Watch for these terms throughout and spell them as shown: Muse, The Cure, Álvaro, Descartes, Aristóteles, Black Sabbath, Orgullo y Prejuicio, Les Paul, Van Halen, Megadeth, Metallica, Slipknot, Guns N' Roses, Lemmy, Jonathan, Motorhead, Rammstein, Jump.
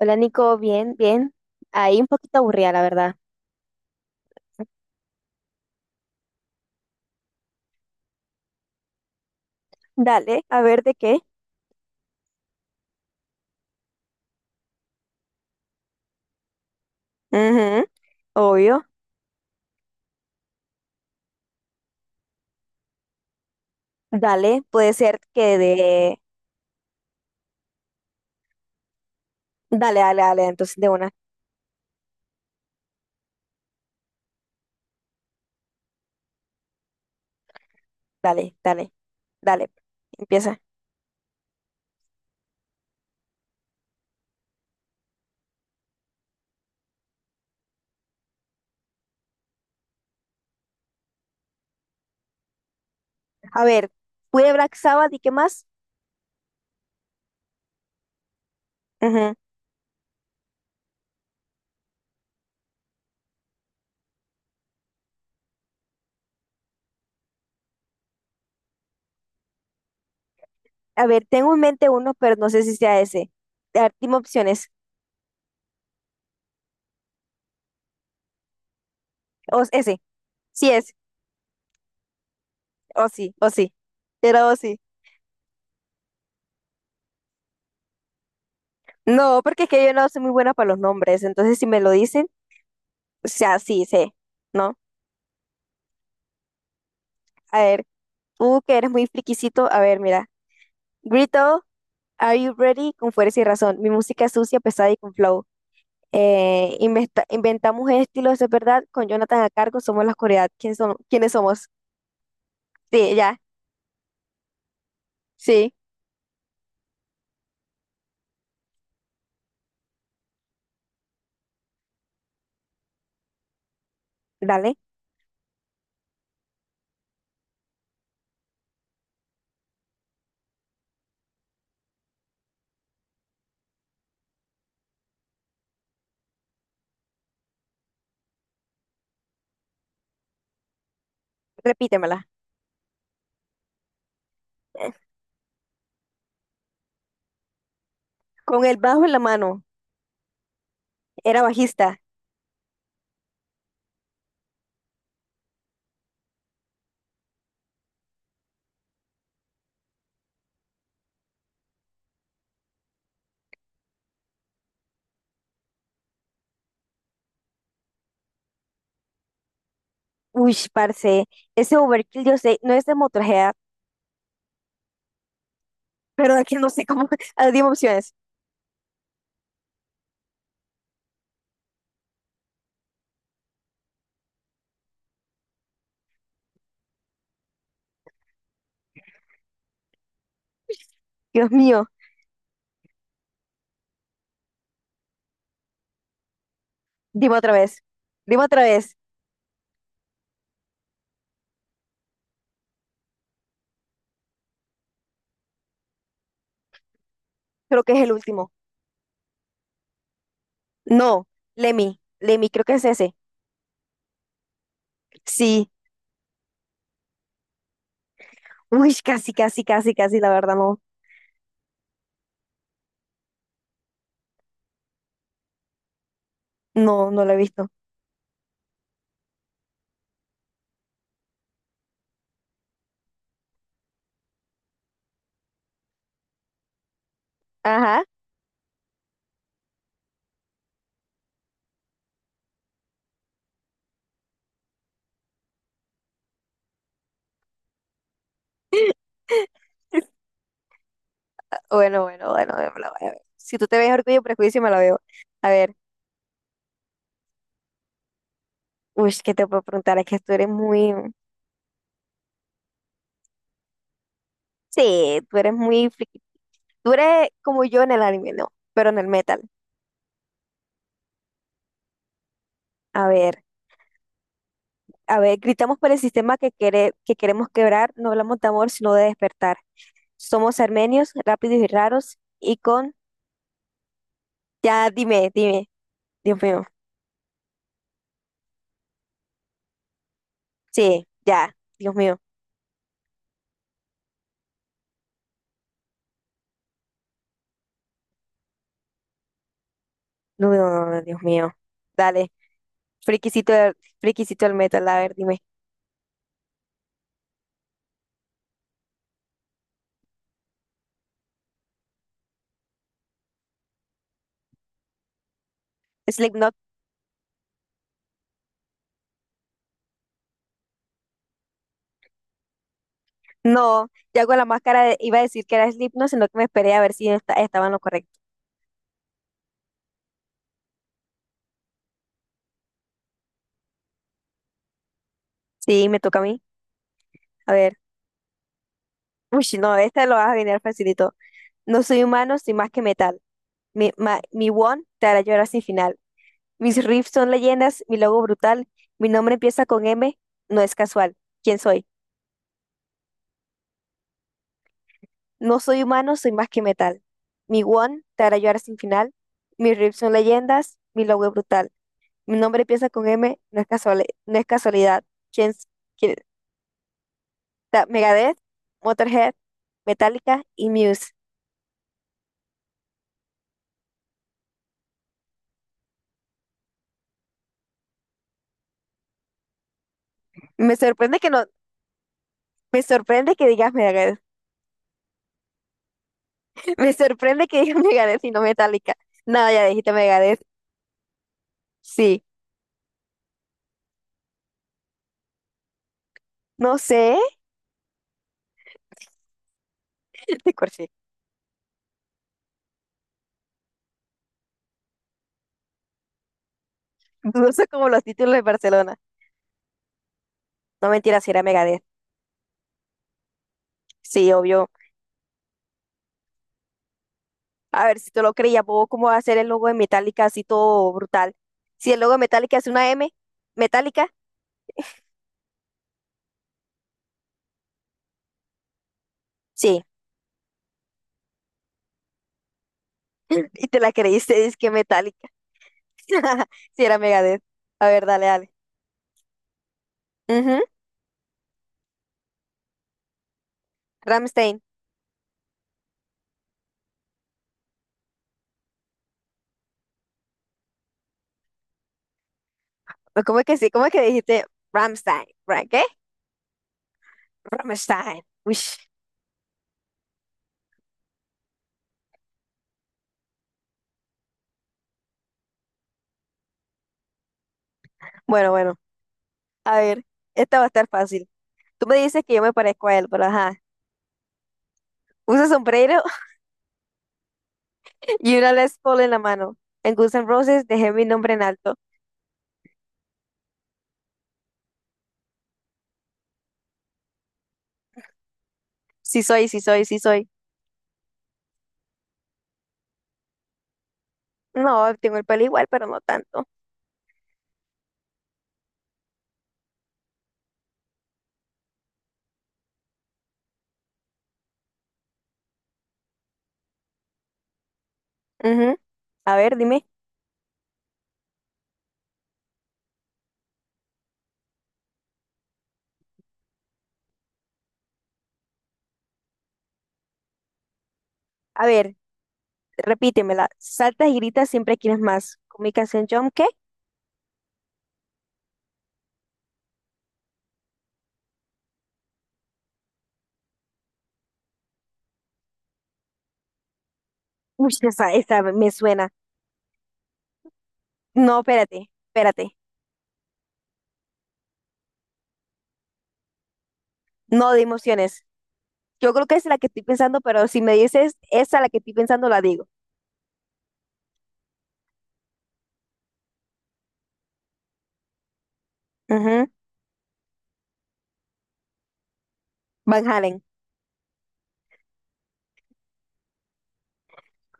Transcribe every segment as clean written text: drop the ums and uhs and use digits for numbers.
Hola, Nico, bien, bien. Ahí un poquito aburrida, la verdad. Dale, a ver de qué. Ujú, obvio. Dale, puede ser que de. Dale, dale, dale, entonces de una. Dale, dale, dale. Empieza. A ver, fui de Black Sabbath, ¿y qué más? Ujú. A ver, tengo en mente uno, pero no sé si sea ese. A ver, dime opciones. O ese, sí es, o sí, o sí. Era o sí. No, porque es que yo no soy muy buena para los nombres, entonces si me lo dicen, o sea, sí, sé, ¿no? A ver. Que eres muy friquisito. A ver, mira. Grito, Are You Ready? Con fuerza y razón. Mi música es sucia, pesada y con flow. Inventamos estilos, es verdad. Con Jonathan a cargo somos la oscuridad. ¿Quiénes somos? Sí, ya. Sí, dale. Repítemela. Con el bajo en la mano. Era bajista. Uy, parce. Ese overkill, yo sé, no es de Motorhead, pero de aquí no sé cómo. Ah, dime opciones. Dios mío. Dime otra vez. Dime otra vez. Creo que es el último. No. Lemmy. Lemmy, creo que es ese. Sí, uy, casi, casi, casi, casi, la verdad no, no, no lo he visto. Ajá, bueno, bueno, bueno, me la voy a ver. Si tú te ves Orgullo y Prejuicio, me la veo. A ver, uy, ¿qué te puedo preguntar? Es que tú eres muy, sí, tú eres muy friki. Tú eres como yo en el anime, no, pero en el metal. A ver, a ver, gritamos por el sistema que quiere, que queremos quebrar, no hablamos de amor, sino de despertar. Somos armenios, rápidos y raros, y con, ya, dime, dime, Dios mío, sí, ya, Dios mío. No, no, no, no, Dios mío. Dale, friquisito, friquisito del metal, a ver, dime. Slipknot. No, ya con la iba a decir que era Slipknot, sino que me esperé a ver si estaba en lo correcto. Sí, me toca a mí. A ver. Uy, no, esta lo vas a adivinar facilito. No soy humano, soy más que metal. Mi one te hará llorar sin final. Mis riffs son leyendas, mi logo brutal. Mi nombre empieza con M, no es casual. ¿Quién soy? No soy humano, soy más que metal. Mi Won te hará llorar sin final. Mis rips son leyendas, mi logo es brutal. Mi nombre empieza con M, no es casualidad. No es casualidad. ¿Quién, s- quién- ta- ¿Megadeth, Motorhead, Metallica y Muse? Me sorprende que no, me sorprende que digas Megadeth. Me sorprende que digas Megadeth y no Metallica. No, ya dijiste Megadeth. Sí, no sé, te corché. Dudoso como los títulos de Barcelona. No mentiras, si era Megadeth. Sí, obvio. A ver si te lo creía, puedo cómo va a ser el logo de Metallica así todo brutal. Si el logo de Metallica es una M, Metallica, sí. Y te la creíste, es que Metallica. Si era Megadeth. A ver, dale, dale. Ujú, Rammstein. ¿Cómo es que sí? ¿Cómo es que dijiste Rammstein? ¿Qué? Rammstein. Uish. Bueno, bueno. A ver, esta va a estar fácil. Tú me dices que yo me parezco a él, pero ajá. Usa sombrero y una Les Paul en la mano. En Guns N' Roses dejé mi nombre en alto. Sí soy, sí soy, sí soy. No, tengo el pelo igual, pero no tanto. Ujú. A ver, dime. A ver, repítemela. Saltas y gritas, siempre quieres más. ¿Con mi canción Jump qué? Uy, esa me suena. No, espérate, espérate. No de emociones. Yo creo que es la que estoy pensando, pero si me dices esa la que estoy pensando, la digo. Ujú. Van Halen.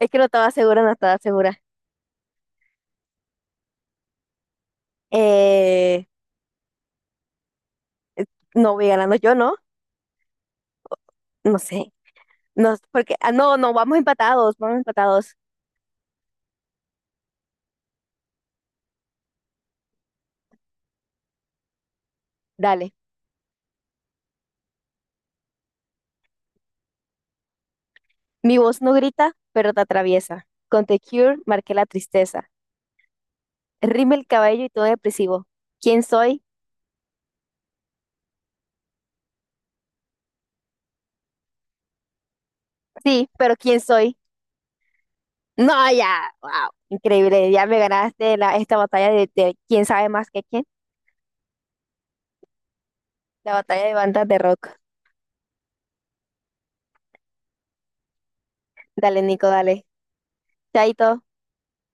Es que no estaba segura, no estaba segura. Eh, no voy ganando yo, ¿no? No sé. No, porque, ah, no, no, vamos empatados, vamos empatados. Dale. Mi voz no grita, pero te atraviesa. Con The Cure marqué la tristeza. Rime el cabello y todo depresivo. ¿Quién soy? Sí, pero ¿quién soy? No, ya, wow, increíble. Ya me ganaste esta batalla de quién sabe más que quién. La batalla de bandas de rock. Dale, Nico, dale. Chaito.